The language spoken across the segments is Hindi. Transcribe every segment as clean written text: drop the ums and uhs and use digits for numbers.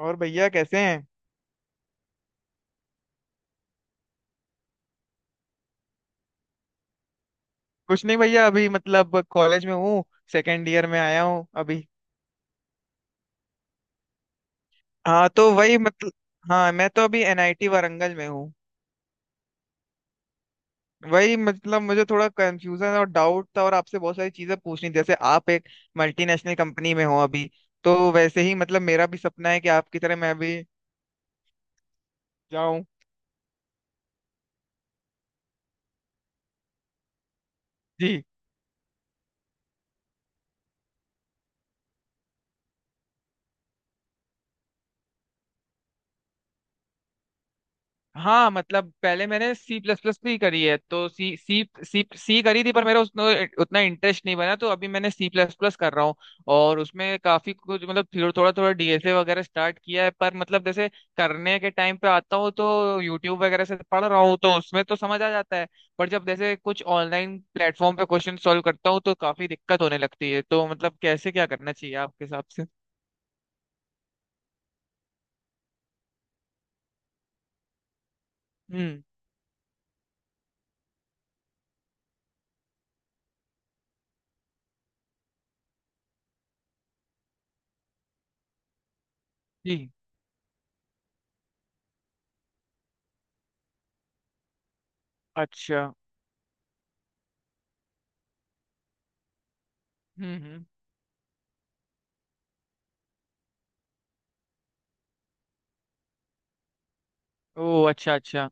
और भैया कैसे हैं। कुछ नहीं भैया अभी मतलब कॉलेज में हूँ। सेकेंड ईयर में आया हूँ अभी। हाँ तो वही मतलब। हाँ मैं तो अभी एनआईटी वारंगल में हूँ। वही मतलब मुझे थोड़ा कंफ्यूजन और डाउट था और आपसे बहुत सारी चीजें पूछनी थी। जैसे आप एक मल्टीनेशनल कंपनी में हो अभी। तो वैसे ही मतलब मेरा भी सपना है कि आपकी तरह मैं भी जाऊं। जी। हाँ मतलब पहले मैंने सी प्लस प्लस भी करी है तो सी सी सी सी करी थी पर मेरा उसमें उतना इंटरेस्ट नहीं बना तो अभी मैंने सी प्लस प्लस कर रहा हूँ। और उसमें काफी कुछ मतलब थोड़ा थोड़ा थोड़ा डीएसए वगैरह स्टार्ट किया है पर मतलब जैसे करने के टाइम पे आता हूँ तो यूट्यूब वगैरह से पढ़ रहा हूँ तो उसमें तो समझ आ जाता है। पर जब जैसे कुछ ऑनलाइन प्लेटफॉर्म पे क्वेश्चन सॉल्व करता हूँ तो काफी दिक्कत होने लगती है तो मतलब कैसे क्या करना चाहिए आपके हिसाब से? हम्म। जी। अच्छा। हम्म। ओ अच्छा अच्छा।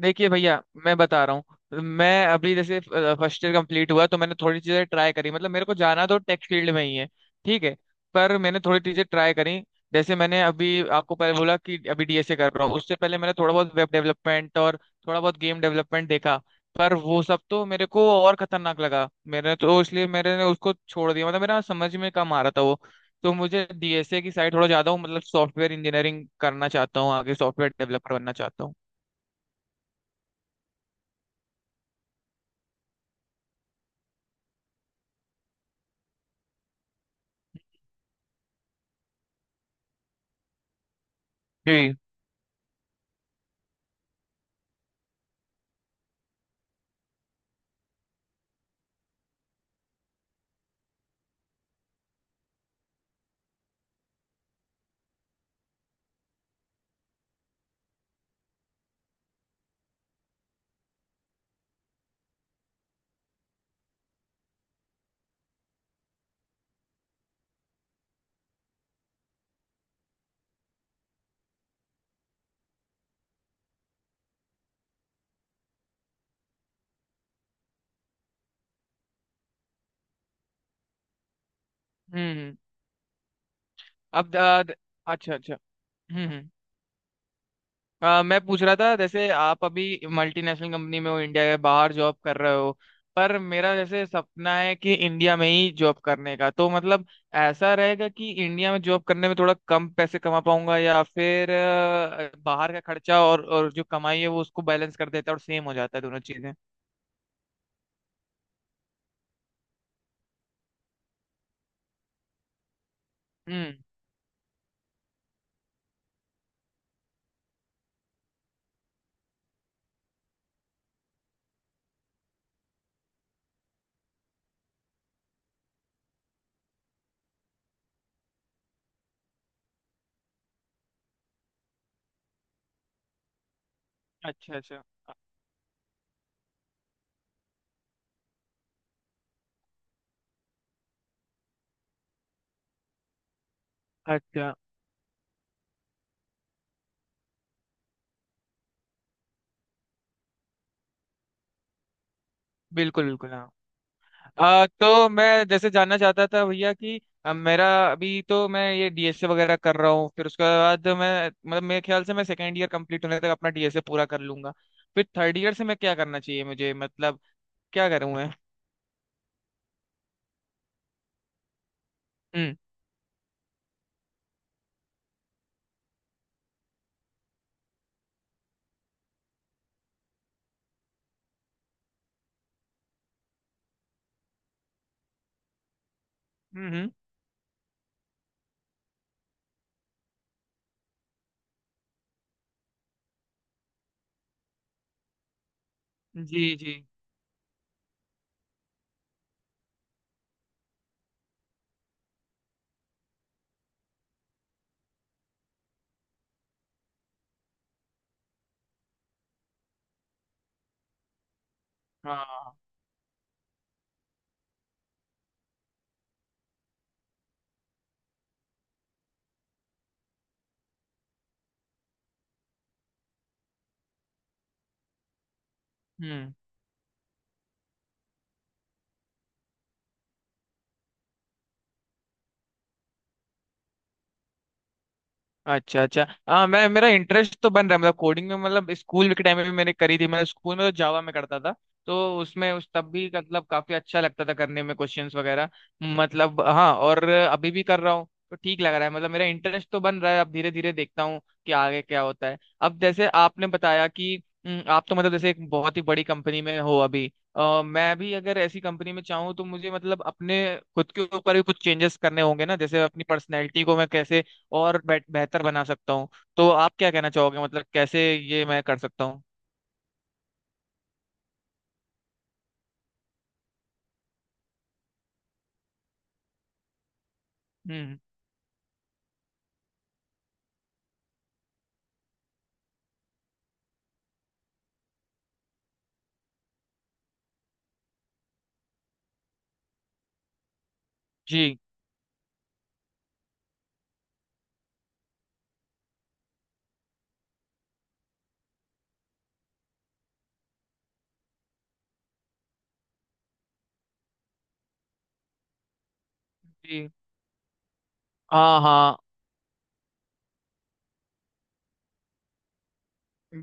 देखिए भैया मैं बता रहा हूँ मैं अभी जैसे फर्स्ट ईयर कंप्लीट हुआ तो मैंने थोड़ी चीजें ट्राई करी मतलब मेरे को जाना तो टेक फील्ड में ही है। ठीक है। पर मैंने थोड़ी चीजें ट्राई करी जैसे मैंने अभी आपको पहले बोला कि अभी डीएसए कर रहा हूँ उससे पहले मैंने थोड़ा बहुत वेब डेवलपमेंट और थोड़ा बहुत गेम डेवलपमेंट देखा। पर वो सब तो मेरे को और खतरनाक लगा मेरे तो इसलिए मेरे ने उसको छोड़ दिया मतलब मेरा समझ में कम आ रहा था वो। तो मुझे डीएसए की साइड थोड़ा ज्यादा हूँ मतलब सॉफ्टवेयर इंजीनियरिंग करना चाहता हूँ आगे सॉफ्टवेयर डेवलपर बनना चाहता हूँ। जी। हम्म। अब अच्छा अच्छा। हम्म हम्म। मैं पूछ रहा था जैसे आप अभी मल्टीनेशनल कंपनी में हो इंडिया के बाहर जॉब कर रहे हो। पर मेरा जैसे सपना है कि इंडिया में ही जॉब करने का तो मतलब ऐसा रहेगा कि इंडिया में जॉब करने में थोड़ा कम पैसे कमा पाऊंगा या फिर बाहर का खर्चा और जो कमाई है वो उसको बैलेंस कर देता है और सेम हो जाता है दोनों चीजें? हम्म। अच्छा अच्छा। अच्छा। बिल्कुल बिल्कुल। तो मैं जैसे जानना चाहता था भैया कि मेरा अभी तो मैं ये डीएसए वगैरह कर रहा हूँ फिर उसके बाद मैं मतलब मेरे ख्याल से मैं सेकेंड ईयर कंप्लीट होने तक अपना डीएसए पूरा कर लूंगा। फिर थर्ड ईयर से मैं क्या करना चाहिए मुझे मतलब क्या करूँ मैं? हम्म। हम्म। जी जी। हाँ। हम्म। अच्छा अच्छा। हाँ मैं मेरा इंटरेस्ट तो बन रहा है मतलब कोडिंग में मतलब स्कूल के टाइम में भी मैंने करी थी मैं स्कूल में तो जावा में करता था तो उसमें उस तब भी मतलब काफी अच्छा लगता था करने में क्वेश्चंस वगैरह। मतलब हाँ और अभी भी कर रहा हूँ तो ठीक लग रहा है मतलब मेरा इंटरेस्ट तो बन रहा है अब धीरे धीरे देखता हूँ कि आगे क्या होता है। अब जैसे आपने बताया कि आप तो मतलब जैसे एक बहुत ही बड़ी कंपनी में हो अभी। मैं भी अगर ऐसी कंपनी में चाहूँ तो मुझे मतलब अपने खुद के ऊपर भी कुछ चेंजेस करने होंगे ना जैसे अपनी पर्सनैलिटी को मैं कैसे और बेहतर बना सकता हूँ। तो आप क्या कहना चाहोगे मतलब कैसे ये मैं कर सकता हूँ? हम्म। जी जी। हाँ हाँ।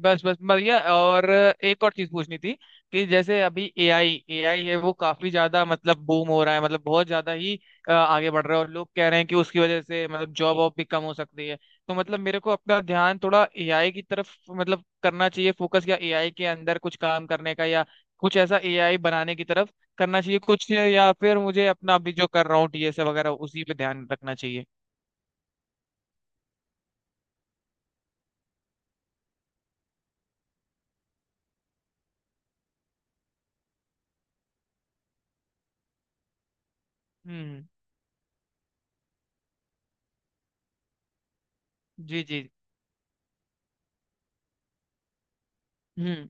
बस बस बढ़िया और एक और चीज पूछनी थी कि जैसे अभी एआई एआई है वो काफी ज्यादा मतलब बूम हो रहा है मतलब बहुत ज्यादा ही आगे बढ़ रहा है और लोग कह रहे हैं कि उसकी वजह से मतलब जॉब वॉब भी कम हो सकती है। तो मतलब मेरे को अपना ध्यान थोड़ा एआई की तरफ मतलब करना चाहिए फोकस या एआई के अंदर कुछ काम करने का या कुछ ऐसा एआई बनाने की तरफ करना चाहिए कुछ या फिर मुझे अपना अभी जो कर रहा हूँ डीएसए वगैरह उसी पे ध्यान रखना चाहिए? हम्म। जी जी। हम्म।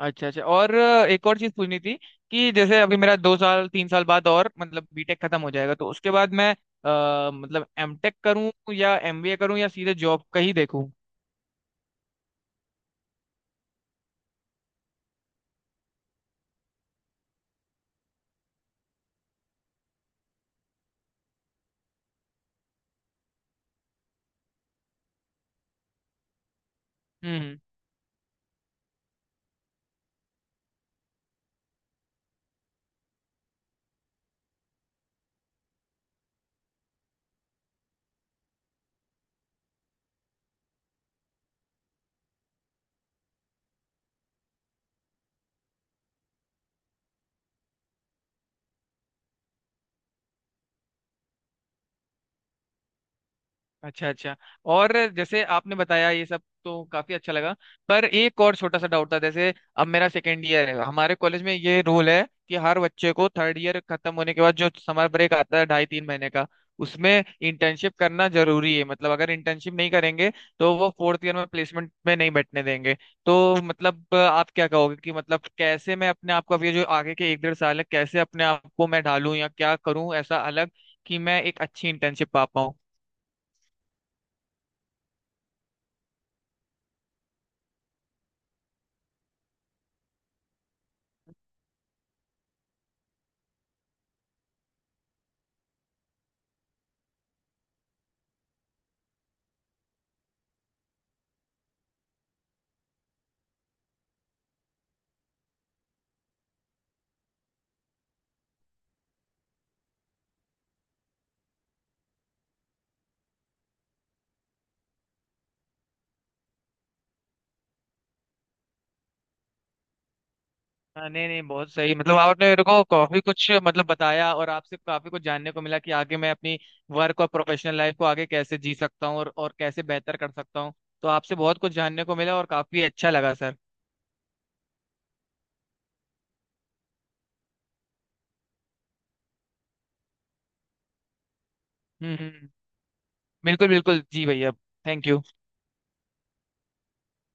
अच्छा अच्छा। और एक और चीज पूछनी थी कि जैसे अभी मेरा 2 साल 3 साल बाद और मतलब बीटेक खत्म हो जाएगा तो उसके बाद मैं मतलब एमटेक करूं या एमबीए करूं या सीधे जॉब का ही देखूं? हम्म हम्म। अच्छा अच्छा। और जैसे आपने बताया ये सब तो काफी अच्छा लगा पर एक और छोटा सा डाउट था जैसे अब मेरा सेकेंड ईयर है हमारे कॉलेज में ये रूल है कि हर बच्चे को थर्ड ईयर खत्म होने के बाद जो समर ब्रेक आता है 2.5-3 महीने का उसमें इंटर्नशिप करना जरूरी है मतलब अगर इंटर्नशिप नहीं करेंगे तो वो फोर्थ ईयर में प्लेसमेंट में नहीं बैठने देंगे। तो मतलब आप क्या कहोगे कि मतलब कैसे मैं अपने आप को अब ये जो आगे के 1-1.5 साल है कैसे अपने आप को मैं ढालूं या क्या करूं ऐसा अलग कि मैं एक अच्छी इंटर्नशिप पा। हाँ, नहीं नहीं बहुत सही मतलब आपने मेरे को काफी कुछ मतलब बताया और आपसे काफी कुछ जानने को मिला कि आगे मैं अपनी वर्क और प्रोफेशनल लाइफ को आगे कैसे जी सकता हूँ और कैसे बेहतर कर सकता हूँ। तो आपसे बहुत कुछ जानने को मिला और काफी अच्छा लगा सर। हम्म हम्म, बिल्कुल बिल्कुल जी भैया। Thank you.